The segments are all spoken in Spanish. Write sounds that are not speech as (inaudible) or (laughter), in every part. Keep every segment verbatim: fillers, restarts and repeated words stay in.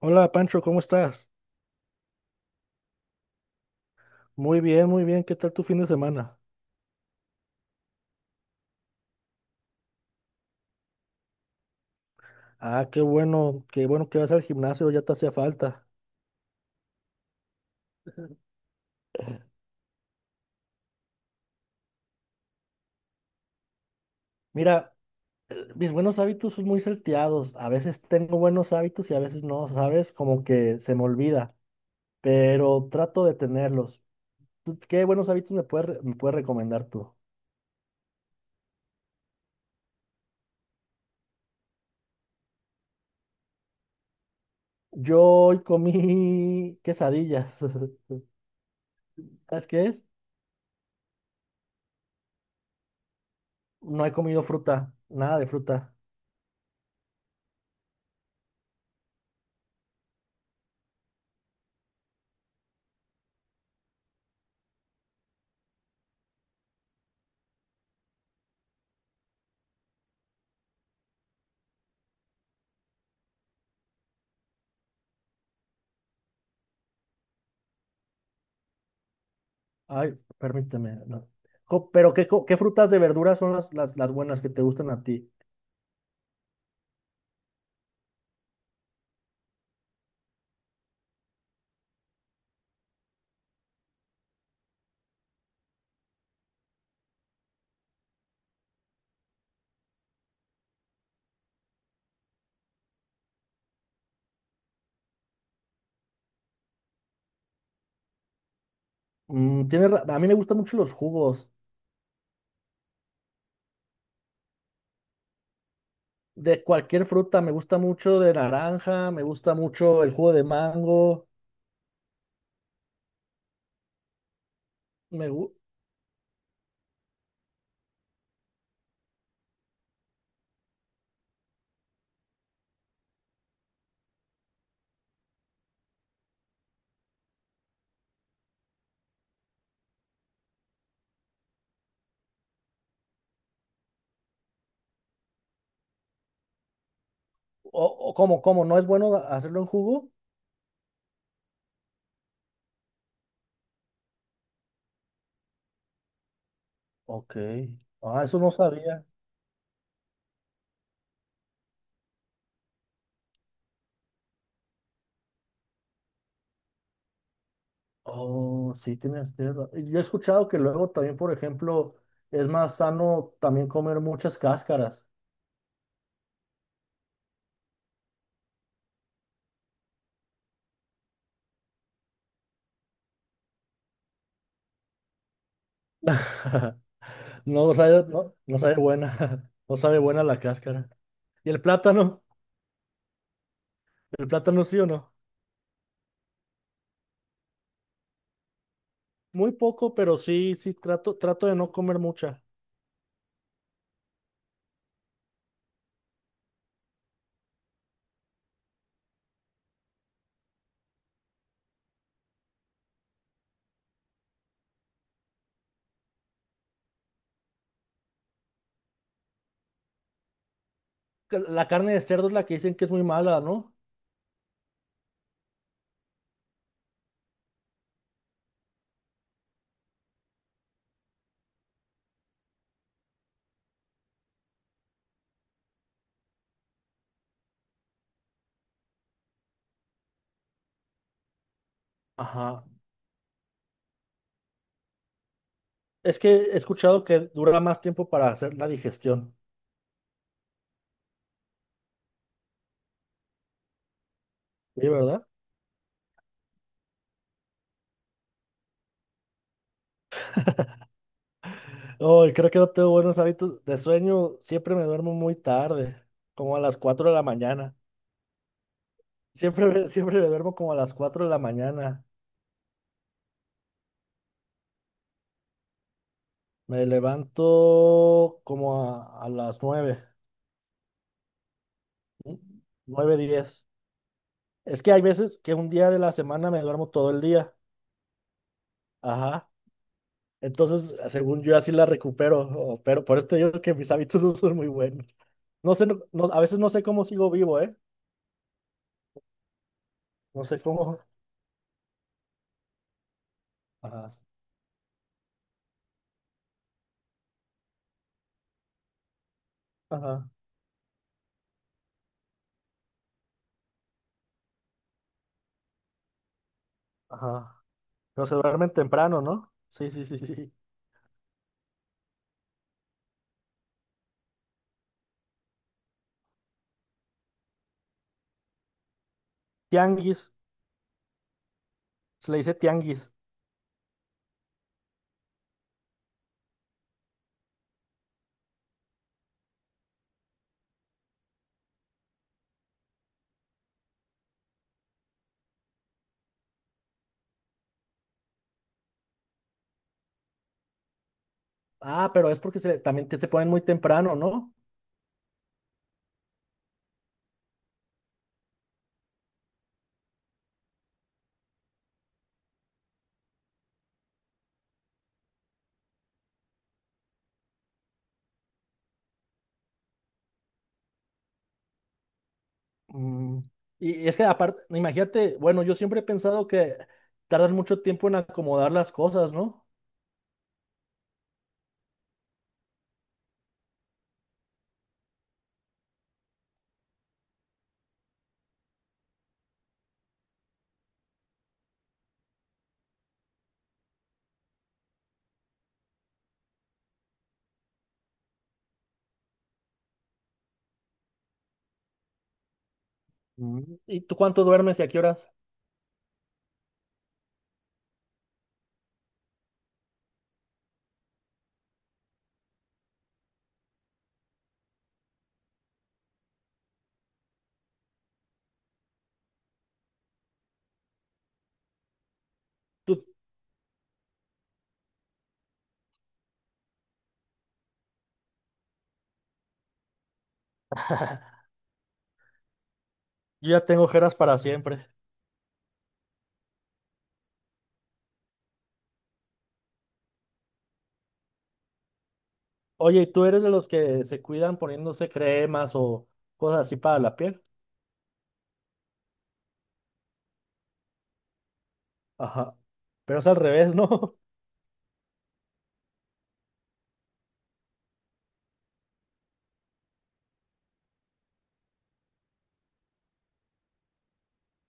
Hola Pancho, ¿cómo estás? Muy bien, muy bien. ¿Qué tal tu fin de semana? Ah, qué bueno, qué bueno que vas al gimnasio, ya te hacía falta. Mira, eh, mis buenos hábitos son muy salteados. A veces tengo buenos hábitos y a veces no, ¿sabes? Como que se me olvida, pero trato de tenerlos. ¿Tú ¿Qué buenos hábitos me puedes, re- me puedes recomendar tú? Yo hoy comí (laughs) quesadillas. (laughs) ¿Sabes qué es? No he comido fruta, nada de fruta. Ay, permíteme. No. Jo, pero ¿qué, co- qué frutas de verduras son las, las, las buenas que te gustan a ti? Mm, tienes ra- a mí me gustan mucho los jugos de cualquier fruta. Me gusta mucho de naranja, me gusta mucho el jugo de mango. Me, gu- o, o ¿cómo, cómo? ¿No es bueno hacerlo en jugo? Ok. Ah, eso no sabía. Oh, sí, tienes, tienes ra- y Yo he escuchado que luego también, por ejemplo, es más sano también comer muchas cáscaras. (laughs) No, no sabe. No, no sabe buena. (laughs) No sabe buena la cáscara. ¿Y el plátano? ¿El plátano sí o no? Muy poco, pero sí, sí, trato, trato de no comer mucha. Que La carne de cerdo es la que dicen que es muy mala, ¿no? Ajá. Es que he escuchado que dura más tiempo para hacer la digestión. Sí, ¿verdad? Ay, creo que no tengo buenos hábitos de sueño. Siempre me duermo muy tarde, como a las cuatro de la mañana. Siempre me, siempre me duermo como a las cuatro de la mañana. Me levanto como a, a las nueve, nueve diez. Es que hay veces que un día de la semana me duermo todo el día. Ajá. Entonces, según yo, así la recupero. o- Pero por esto te digo que mis hábitos no son muy buenos. No sé, no- no- a veces no sé cómo sigo vivo, ¿eh? No sé cómo. Ajá. Ajá. Ajá. Pero se duermen temprano, ¿no? Sí, sí, sí, sí, sí. Tianguis. Se le dice tianguis. Ah, pero es porque se- también te- se ponen muy temprano, ¿no? Mm, Y es que aparte, imagínate, bueno, yo siempre he pensado que tardan mucho tiempo en acomodar las cosas, ¿no? Mm. ¿Y tú cuánto duermes y a qué horas? Tú, yo ya tengo ojeras para siempre. Oye, ¿y tú eres de los que se cuidan poniéndose cremas o cosas así para la piel? Ajá. Pero es al revés, ¿no? (laughs)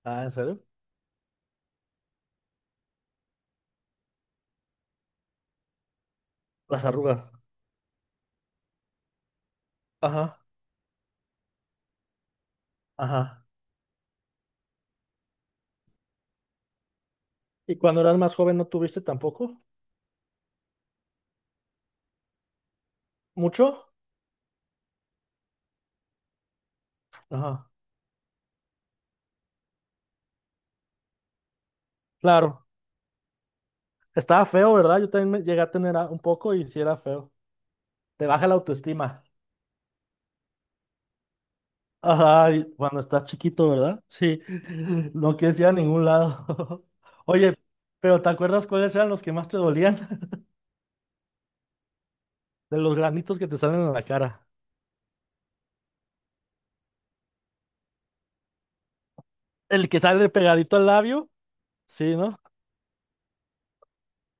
Ah, ¿en serio? Las arrugas. Ajá, ajá. ¿Y cuando eras más joven no tuviste tampoco? ¿Mucho? Ajá. Claro. Estaba feo, ¿verdad? Yo también me llegué a tener a- un poco y sí era feo. Te baja la autoestima. Ajá, y cuando estás chiquito, ¿verdad? Sí, (laughs) no quieres ir a ningún lado. (laughs) Oye, pero ¿te acuerdas cuáles eran los que más te dolían? (laughs) De los granitos que te salen en la cara. El que sale pegadito al labio, sí, ¿no?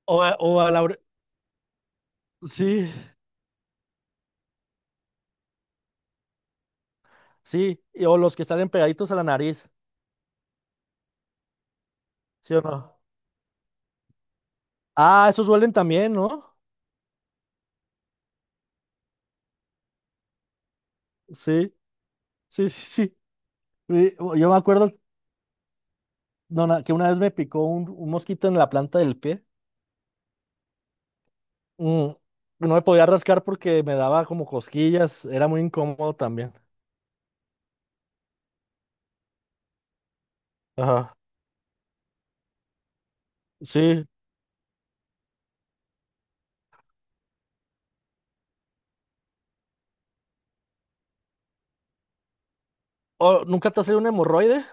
O, a o a la ore- Sí, sí, y- o los que salen pegaditos a la nariz, ¿sí o no? Ah, esos duelen también, ¿no? Sí, sí, sí, sí. Sí, o- yo me acuerdo no, na- que una vez me picó un, un mosquito en la planta del pie. Mm, no me podía rascar porque me daba como cosquillas, era muy incómodo también. Ajá, sí. Oh, ¿nunca te ha salido un hemorroide?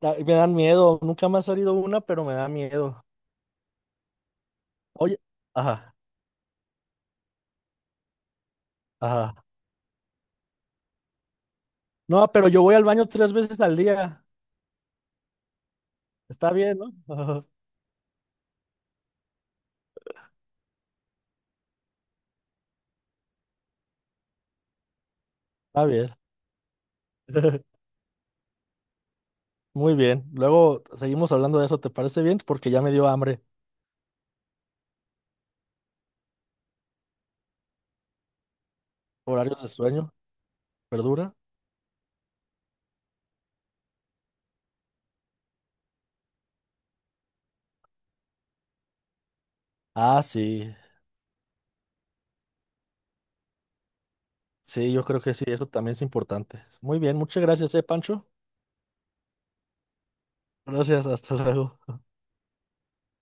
Da- Me dan miedo, nunca me ha salido una, pero me da miedo. Oye, ajá, ajá. No, pero yo voy al baño tres veces al día. Está bien, ¿no? Ajá, está bien. (laughs) Muy bien. Luego seguimos hablando de eso, ¿te parece bien? Porque ya me dio hambre. Horarios de sueño, ¿verdura? Ah, sí. Sí, yo creo que sí, eso también es importante. Muy bien, muchas gracias, eh, Pancho. Gracias, hasta luego.